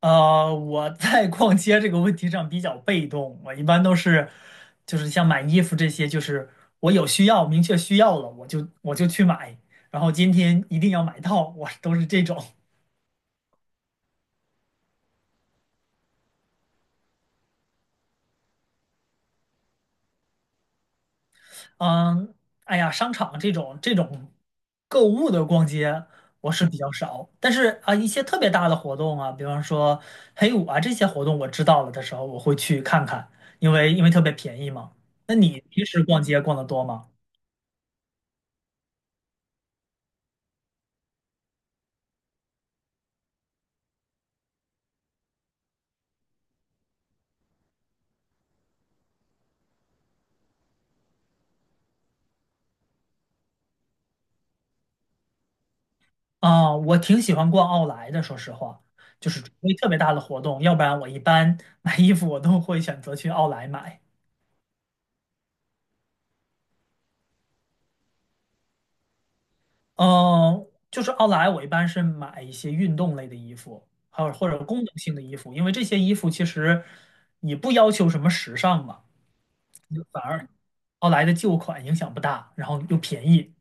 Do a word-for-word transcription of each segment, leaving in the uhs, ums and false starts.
呃，我在逛街这个问题上比较被动，我一般都是，就是像买衣服这些，就是我有需要，明确需要了，我就我就去买，然后今天一定要买到，我都是这种。嗯，哎呀，商场这种这种购物的逛街我是比较少，但是啊，一些特别大的活动啊，比方说黑五啊这些活动，我知道了的时候我会去看看，因为因为特别便宜嘛。那你平时逛街逛得多吗？啊，我挺喜欢逛奥莱的，说实话，就是除非特别大的活动，要不然我一般买衣服我都会选择去奥莱买。嗯，就是奥莱，我一般是买一些运动类的衣服，还有或者功能性的衣服，因为这些衣服其实也不要求什么时尚嘛，就反而奥莱的旧款影响不大，然后又便宜。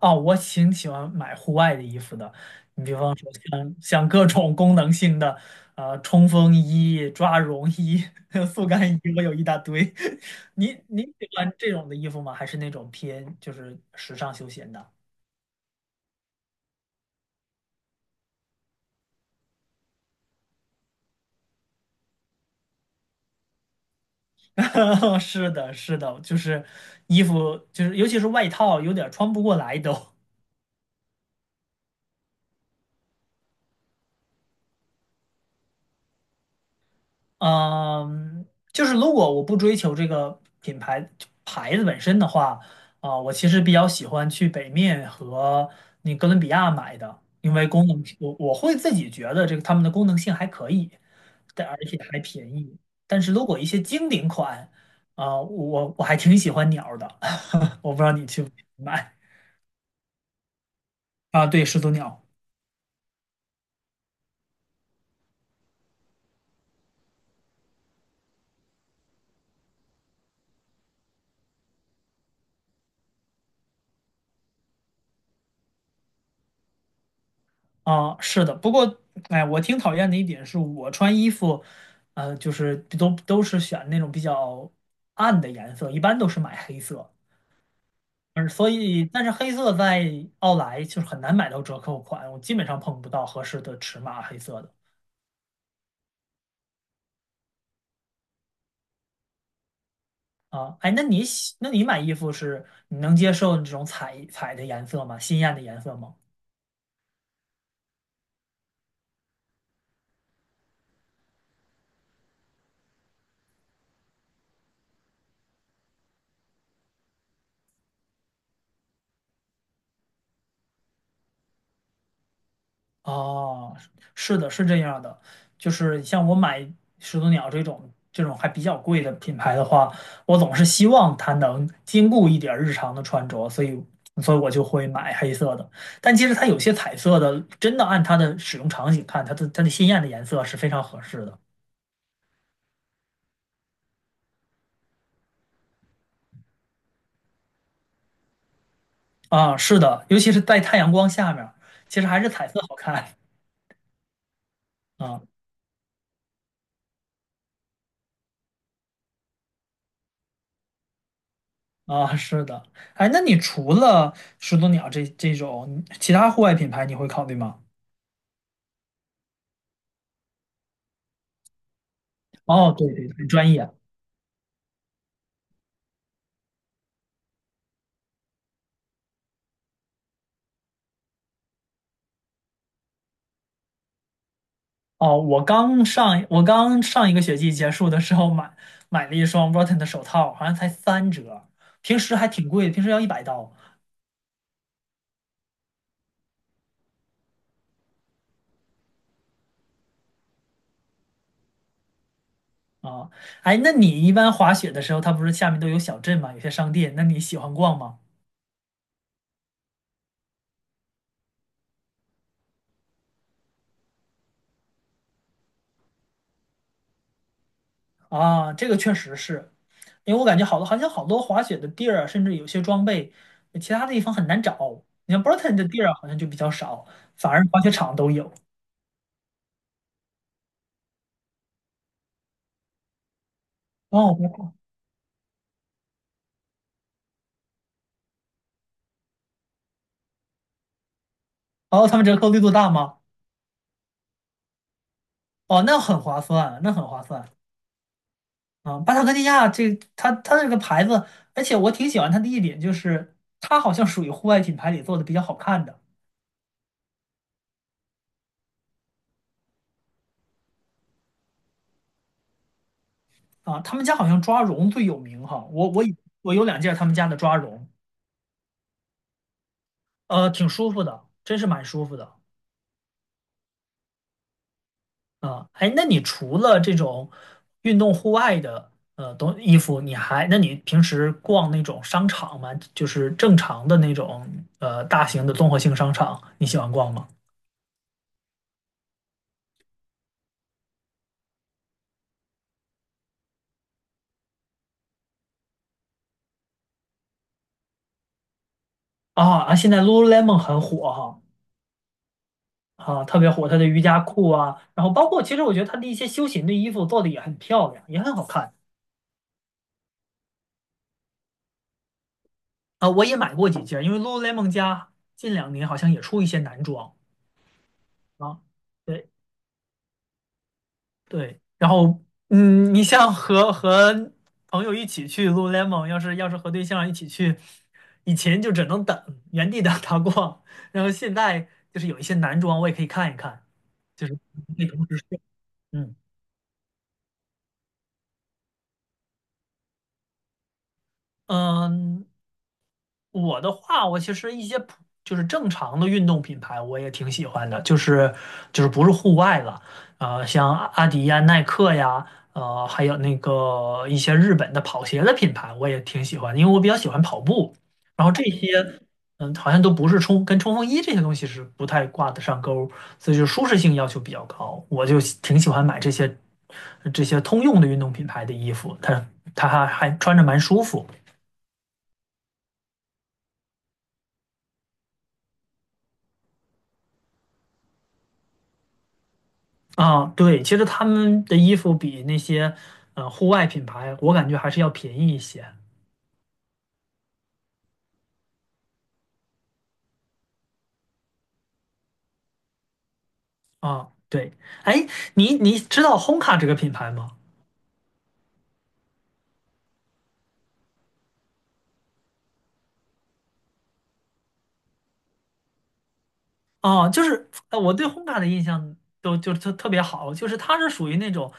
哦，我挺喜欢买户外的衣服的，你比方说像像各种功能性的，呃，冲锋衣、抓绒衣、速干衣，我有一大堆。你你喜欢这种的衣服吗？还是那种偏就是时尚休闲的？是的，是的，就是衣服，就是尤其是外套，有点穿不过来都。嗯，就是如果我不追求这个品牌牌子本身的话，啊、我其实比较喜欢去北面和那哥伦比亚买的，因为功能，我我会自己觉得这个它们的功能性还可以，但而且还便宜。但是如果一些经典款，啊、我我还挺喜欢鸟儿的，我不知道你去不去买。啊？对，始祖鸟。啊，是的，不过，哎，我挺讨厌的一点是我穿衣服，呃，就是都都是选那种比较暗的颜色，一般都是买黑色，而所以，但是黑色在奥莱就是很难买到折扣款，我基本上碰不到合适的尺码黑色的。啊。哎，那你喜那你买衣服是你能接受这种彩彩的颜色吗？鲜艳的颜色吗？哦，是的，是这样的，就是像我买始祖鸟这种这种还比较贵的品牌的话，我总是希望它能兼顾一点儿日常的穿着，所以所以我就会买黑色的。但其实它有些彩色的，真的按它的使用场景看，它的它的鲜艳的颜色是非常合适的。啊，是的，尤其是在太阳光下面儿其实还是彩色好看。啊。啊，是的，哎，那你除了始祖鸟这这种其他户外品牌，你会考虑吗？哦，对对，很专业。哦，我刚上我刚上一个学期结束的时候买买了一双 b u r t o n 的手套，好像才三折，平时还挺贵，平时要一百刀。啊。哎，那你一般滑雪的时候，它不是下面都有小镇嘛，有些商店，那你喜欢逛吗？啊，这个确实是，因为我感觉好多好像好多滑雪的地儿啊，甚至有些装备，其他的地方很难找。你像 Burton 的地儿啊好像就比较少，反而滑雪场都有。哦，我哦，他们折扣力度大吗？哦，那很划算，那很划算。啊！巴塔哥尼亚这它它这个牌子，而且我挺喜欢它的一点就是，它好像属于户外品牌里做的比较好看的。啊。他们家好像抓绒最有名哈，我我以我有两件他们家的抓绒，呃，挺舒服的，真是蛮舒服的。啊。哎，那你除了这种运动户外的呃东衣服，你还那你平时逛那种商场吗？就是正常的那种呃大型的综合性商场，你喜欢逛吗？啊啊！现在 Lululemon 很火哈。啊，特别火，它的瑜伽裤啊，然后包括其实我觉得它的一些休闲的衣服做的也很漂亮，也很好看。啊。我也买过几件，因为 Lululemon 家近两年好像也出一些男装。啊。对对，然后嗯，你像和和朋友一起去 Lululemon，要是要是和对象一起去，以前就只能等原地等他逛，然后现在就是有一些男装我也可以看一看，就是可以同时。嗯。嗯，我的话，我其实一些普就是正常的运动品牌，我也挺喜欢的，就是就是不是户外了，呃，像阿阿迪呀、耐克呀，呃，还有那个一些日本的跑鞋的品牌，我也挺喜欢的因为我比较喜欢跑步。然后这些，嗯，好像都不是冲跟冲锋衣这些东西是不太挂得上钩儿，所以就舒适性要求比较高，我就喜挺喜欢买这些这些通用的运动品牌的衣服，它它还还穿着蛮舒服。啊，对，其实他们的衣服比那些呃户外品牌，我感觉还是要便宜一些。啊。对，哎，你你知道 h 卡这个品牌吗？啊，就是呃我对 h 卡的印象都就特特别好，就是它是属于那种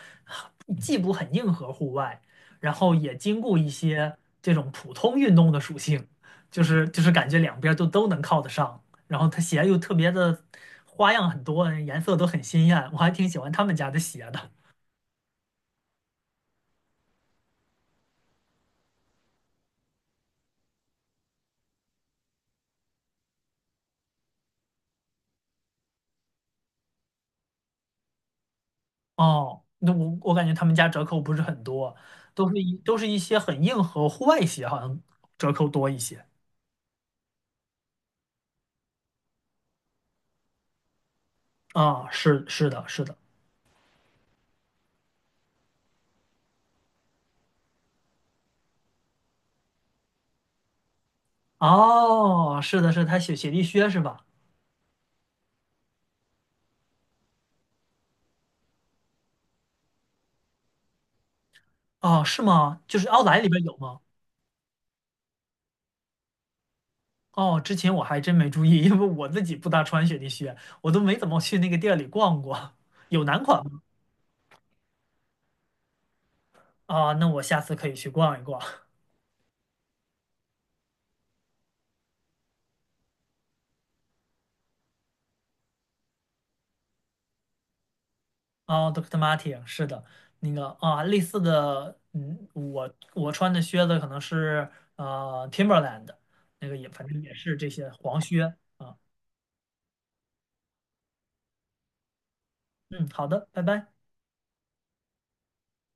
既不很硬核户外，然后也兼顾一些这种普通运动的属性，就是就是感觉两边儿都都能靠得上，然后它鞋又特别的花样很多，颜色都很鲜艳，我还挺喜欢他们家的鞋的。哦，那我我感觉他们家折扣不是很多，都是一都是一些很硬核户外鞋，好像折扣多一些。啊、是是的，是的。哦，是的是的，他雪雪地靴是吧？哦，是吗？就是奥莱里边有吗？哦，之前我还真没注意，因为我自己不大穿雪地靴，我都没怎么去那个店里逛过。有男款吗？啊、那我下次可以去逛一逛。哦，D R o o c t Martin，是的，那个啊，类似的，嗯，我我穿的靴子可能是呃 Timberland，那个也反正也是这些黄靴啊。嗯，好的，拜拜。